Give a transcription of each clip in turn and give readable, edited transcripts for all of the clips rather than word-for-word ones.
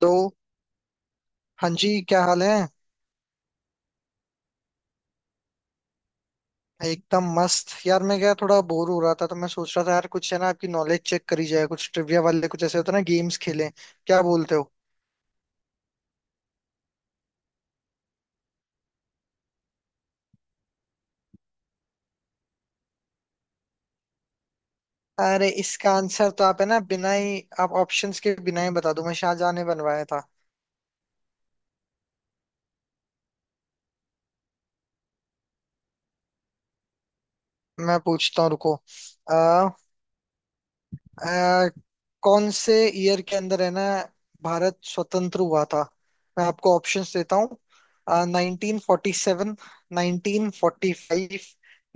तो हाँ जी, क्या हाल है? एकदम मस्त यार। मैं क्या, थोड़ा बोर हो रहा था तो मैं सोच रहा था यार, कुछ है ना, आपकी नॉलेज चेक करी जाए, कुछ ट्रिविया वाले, कुछ ऐसे होता है ना, गेम्स खेलें। क्या बोलते हो? अरे, इसका आंसर तो आप है ना बिना ही, आप ऑप्शंस के बिना ही बता दो, मैं शाहजहां ने बनवाया था। मैं पूछता हूँ, रुको। अ, कौन से ईयर के अंदर है ना, भारत स्वतंत्र हुआ था? मैं आपको ऑप्शंस देता हूँ। 1947, 1945,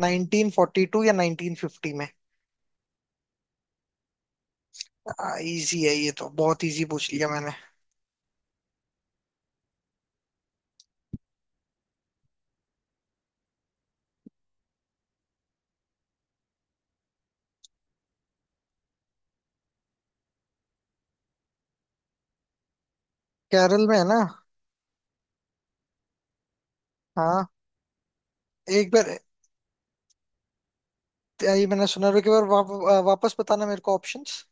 1942 या 1950 में? इजी है, ये तो बहुत इजी पूछ लिया मैंने। केरल में है ना। हाँ, एक बार ये मैंने सुना, रुके बार वापस बताना मेरे को ऑप्शंस।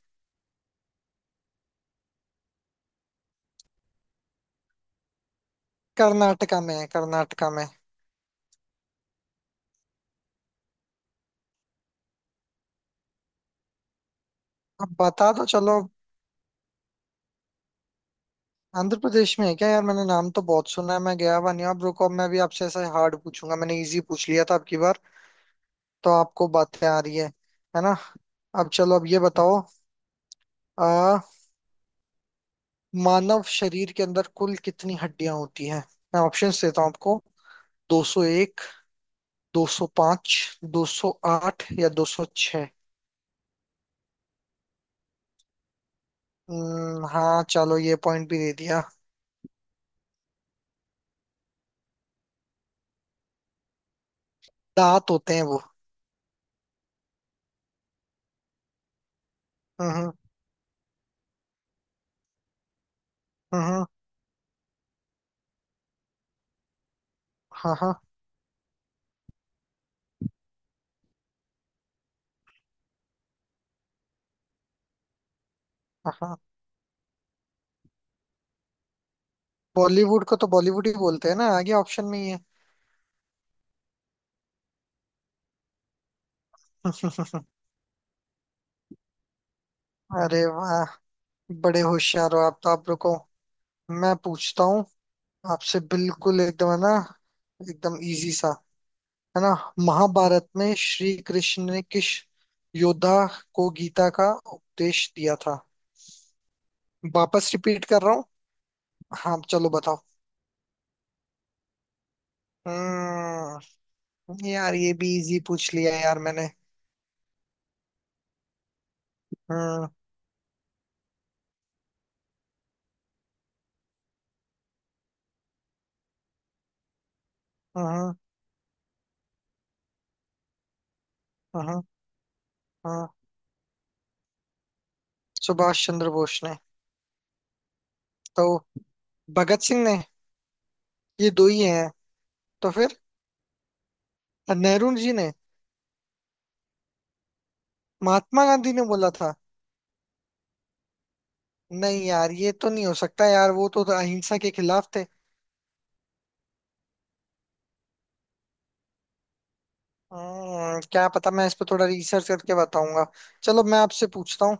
कर्नाटका में है, कर्नाटका में। अब बता दो, चलो। आंध्र प्रदेश में है क्या यार? मैंने नाम तो बहुत सुना है, मैं गया हुआ नहीं हूँ। अब रुको, अब मैं भी आपसे ऐसा हार्ड पूछूंगा, मैंने इजी पूछ लिया था आपकी बार। तो आपको बातें आ रही है ना? अब चलो, अब ये बताओ। आ, मानव शरीर के अंदर कुल कितनी हड्डियां होती हैं? मैं ऑप्शंस देता हूँ आपको। 201, 205, 208 या 206? हाँ, चलो, ये पॉइंट भी दे दिया। दांत होते हैं वो। हम्म, हम्म। हम्म, हाँ, हाँ, हाँ, हाँ। बॉलीवुड को तो बॉलीवुड ही बोलते हैं ना, आगे ऑप्शन में ही है। अरे वाह, बड़े होशियार हो आप तो। आप रुको, मैं पूछता हूँ आपसे, बिल्कुल एकदम, है ना, एकदम इजी सा, है ना। महाभारत में श्री कृष्ण ने किस योद्धा को गीता का उपदेश दिया था? वापस रिपीट कर रहा हूँ। हाँ, चलो बताओ। हम्म। यार ये भी इजी पूछ लिया यार मैंने। हम्म, हम्म, हम्म, हम्म। सुभाष चंद्र बोस ने। तो भगत सिंह ने। ये दो ही हैं। तो फिर। नेहरू जी ने। महात्मा गांधी ने बोला था। नहीं यार, ये तो नहीं हो सकता यार, वो तो अहिंसा के खिलाफ थे। क्या पता, मैं इस पे थोड़ा रिसर्च करके बताऊंगा। चलो, मैं आपसे पूछता हूँ।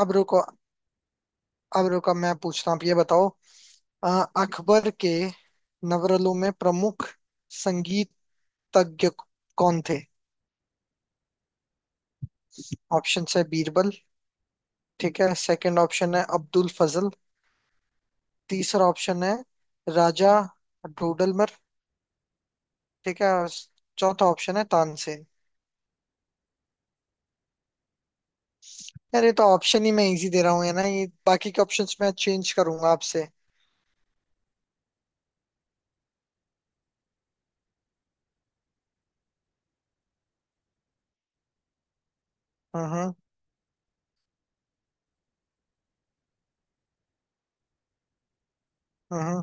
अब रुको, अब रुको, मैं पूछता हूँ। आप ये बताओ, अ, अकबर के नवरलों में प्रमुख संगीतज्ञ कौन थे? ऑप्शंस है बीरबल। ठीक है, सेकंड ऑप्शन है अब्दुल फजल। तीसरा ऑप्शन है राजा डोडलमर। ठीक है, और चौथा ऑप्शन है तानसेन। यार ये तो ऑप्शन ही मैं इजी दे रहा हूँ, है ना, ये बाकी के ऑप्शंस मैं चेंज करूंगा आपसे। हाँ, हाँ,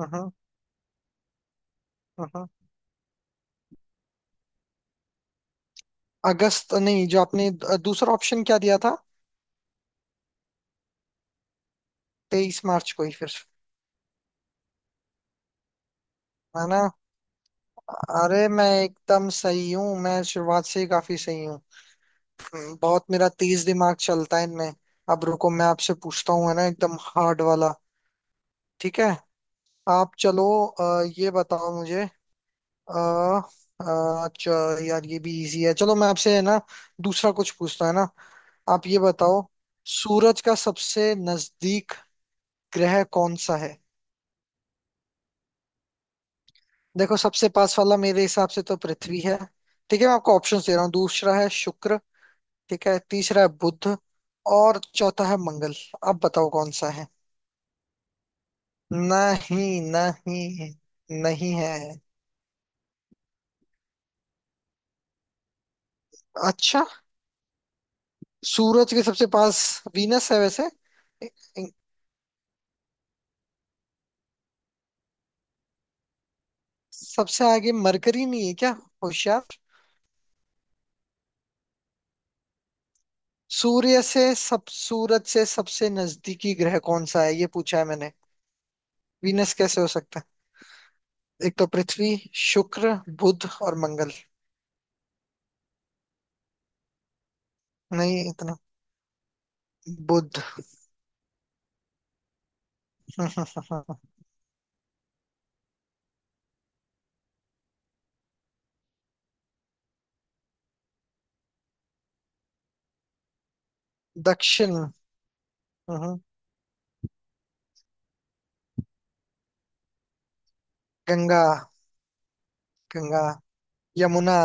हाँ, हाँ। अगस्त नहीं। जो आपने दूसरा ऑप्शन क्या दिया था? 23 मार्च को ही फिर। है ना। अरे मैं एकदम सही हूँ, मैं शुरुआत से ही काफी सही हूँ। बहुत मेरा तेज दिमाग चलता है इनमें। अब रुको, मैं आपसे पूछता हूँ, है ना, एकदम हार्ड वाला। ठीक है। आप चलो। अ, ये बताओ मुझे। आ, यार ये भी इजी है, चलो मैं आपसे, है ना, दूसरा कुछ पूछता हूं, है ना। आप ये बताओ, सूरज का सबसे नजदीक ग्रह कौन सा है? देखो, सबसे पास वाला मेरे हिसाब से तो पृथ्वी है। ठीक है, मैं आपको ऑप्शंस दे रहा हूँ। दूसरा है शुक्र। ठीक है, तीसरा है बुध। और चौथा है मंगल। आप बताओ कौन सा है? नहीं, नहीं। नहीं है। अच्छा। सूरज के सबसे पास वीनस है वैसे। इ- इ- सबसे आगे मरकरी नहीं है क्या? होशियार। सूर्य से सब सूरज से सबसे नजदीकी ग्रह कौन सा है, ये पूछा है मैंने। वीनस कैसे हो सकता है? एक तो पृथ्वी, शुक्र, बुध और मंगल। नहीं इतना। बुध। दक्षिण। हम्म, गंगा। गंगा। यमुना।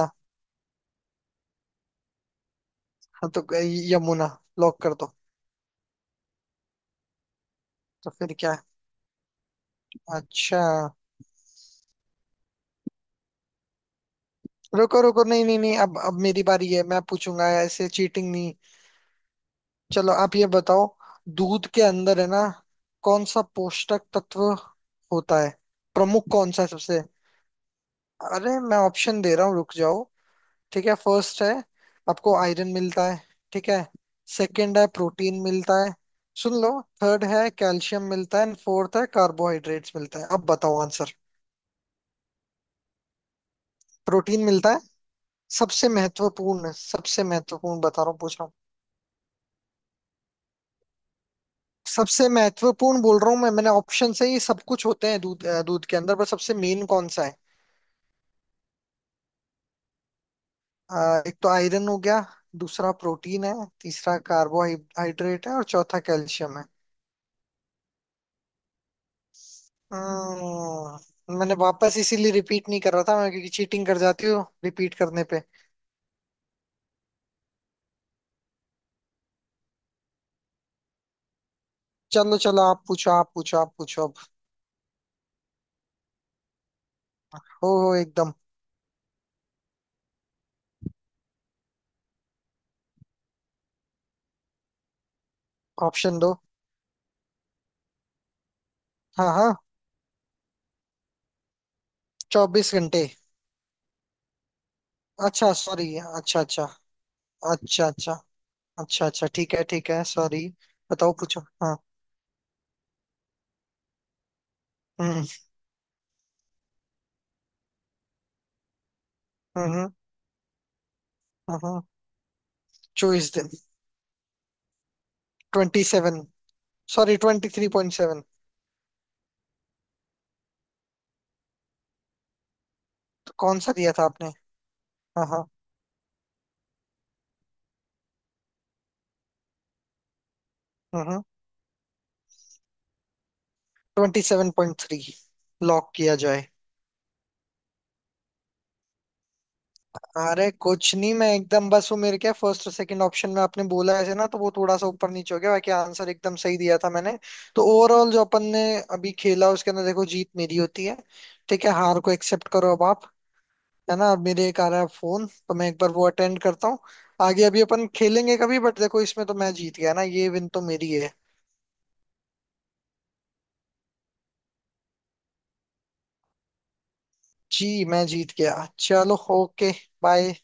हाँ, तो यमुना लॉक कर दो। तो फिर क्या है? अच्छा। रुको, रुको, नहीं, नहीं, नहीं, अब मेरी बारी है, मैं पूछूंगा, ऐसे चीटिंग नहीं। चलो, आप ये बताओ। दूध के अंदर है ना, कौन सा पोषक तत्व होता है, प्रमुख कौन सा है सबसे? अरे मैं ऑप्शन दे रहा हूँ, रुक जाओ। ठीक है, फर्स्ट है आपको आयरन मिलता है। ठीक है, सेकंड है प्रोटीन मिलता है। सुन लो, थर्ड है कैल्शियम मिलता है एंड फोर्थ है कार्बोहाइड्रेट्स मिलता है। अब बताओ आंसर। प्रोटीन मिलता है। सबसे महत्वपूर्ण, सबसे महत्वपूर्ण बता रहा हूँ, पूछ रहा हूँ। सबसे महत्वपूर्ण बोल रहा हूँ मैं। मैंने ऑप्शन से ही सब कुछ होते हैं दूध, दूध के अंदर पर सबसे मेन कौन सा है? एक तो आयरन हो गया, दूसरा प्रोटीन है, तीसरा कार्बोहाइड्रेट है और चौथा कैल्शियम है। मैंने वापस इसीलिए रिपीट नहीं कर रहा था मैं, क्योंकि चीटिंग कर जाती हूँ रिपीट करने पे। चलो, चलो, आप पूछो, आप पूछो, आप पूछो अब। हो, एकदम। ऑप्शन दो। हाँ, हाँ। 24 घंटे। अच्छा, सॉरी, अच्छा, अच्छा। अच्छा, अच्छा। अच्छा, अच्छा, ठीक है, ठीक है, सॉरी। बताओ, पूछो, हाँ। हम्म, हम्म, हम्म। 24 दिन। 27, सॉरी, 23.7। तो कौन सा दिया था आपने? हाँ, हाँ। हम्म। 27.3 लॉक किया जाए। अरे कुछ नहीं, मैं एकदम बस, वो मेरे क्या फर्स्ट और सेकंड ऑप्शन में आपने बोला ऐसे ना, तो वो थोड़ा सा ऊपर नीचे हो गया, बाकी आंसर एकदम सही दिया था मैंने। तो ओवरऑल जो अपन ने अभी खेला उसके अंदर देखो, जीत मेरी होती है। ठीक है, हार को एक्सेप्ट करो अब आप। है ना, और मेरे एक आ रहा है फोन, तो मैं एक बार वो अटेंड करता हूँ। आगे अभी अपन खेलेंगे कभी, बट देखो इसमें तो मैं जीत गया ना, ये विन तो मेरी है। जी, मैं जीत गया, चलो। ओके। बाय।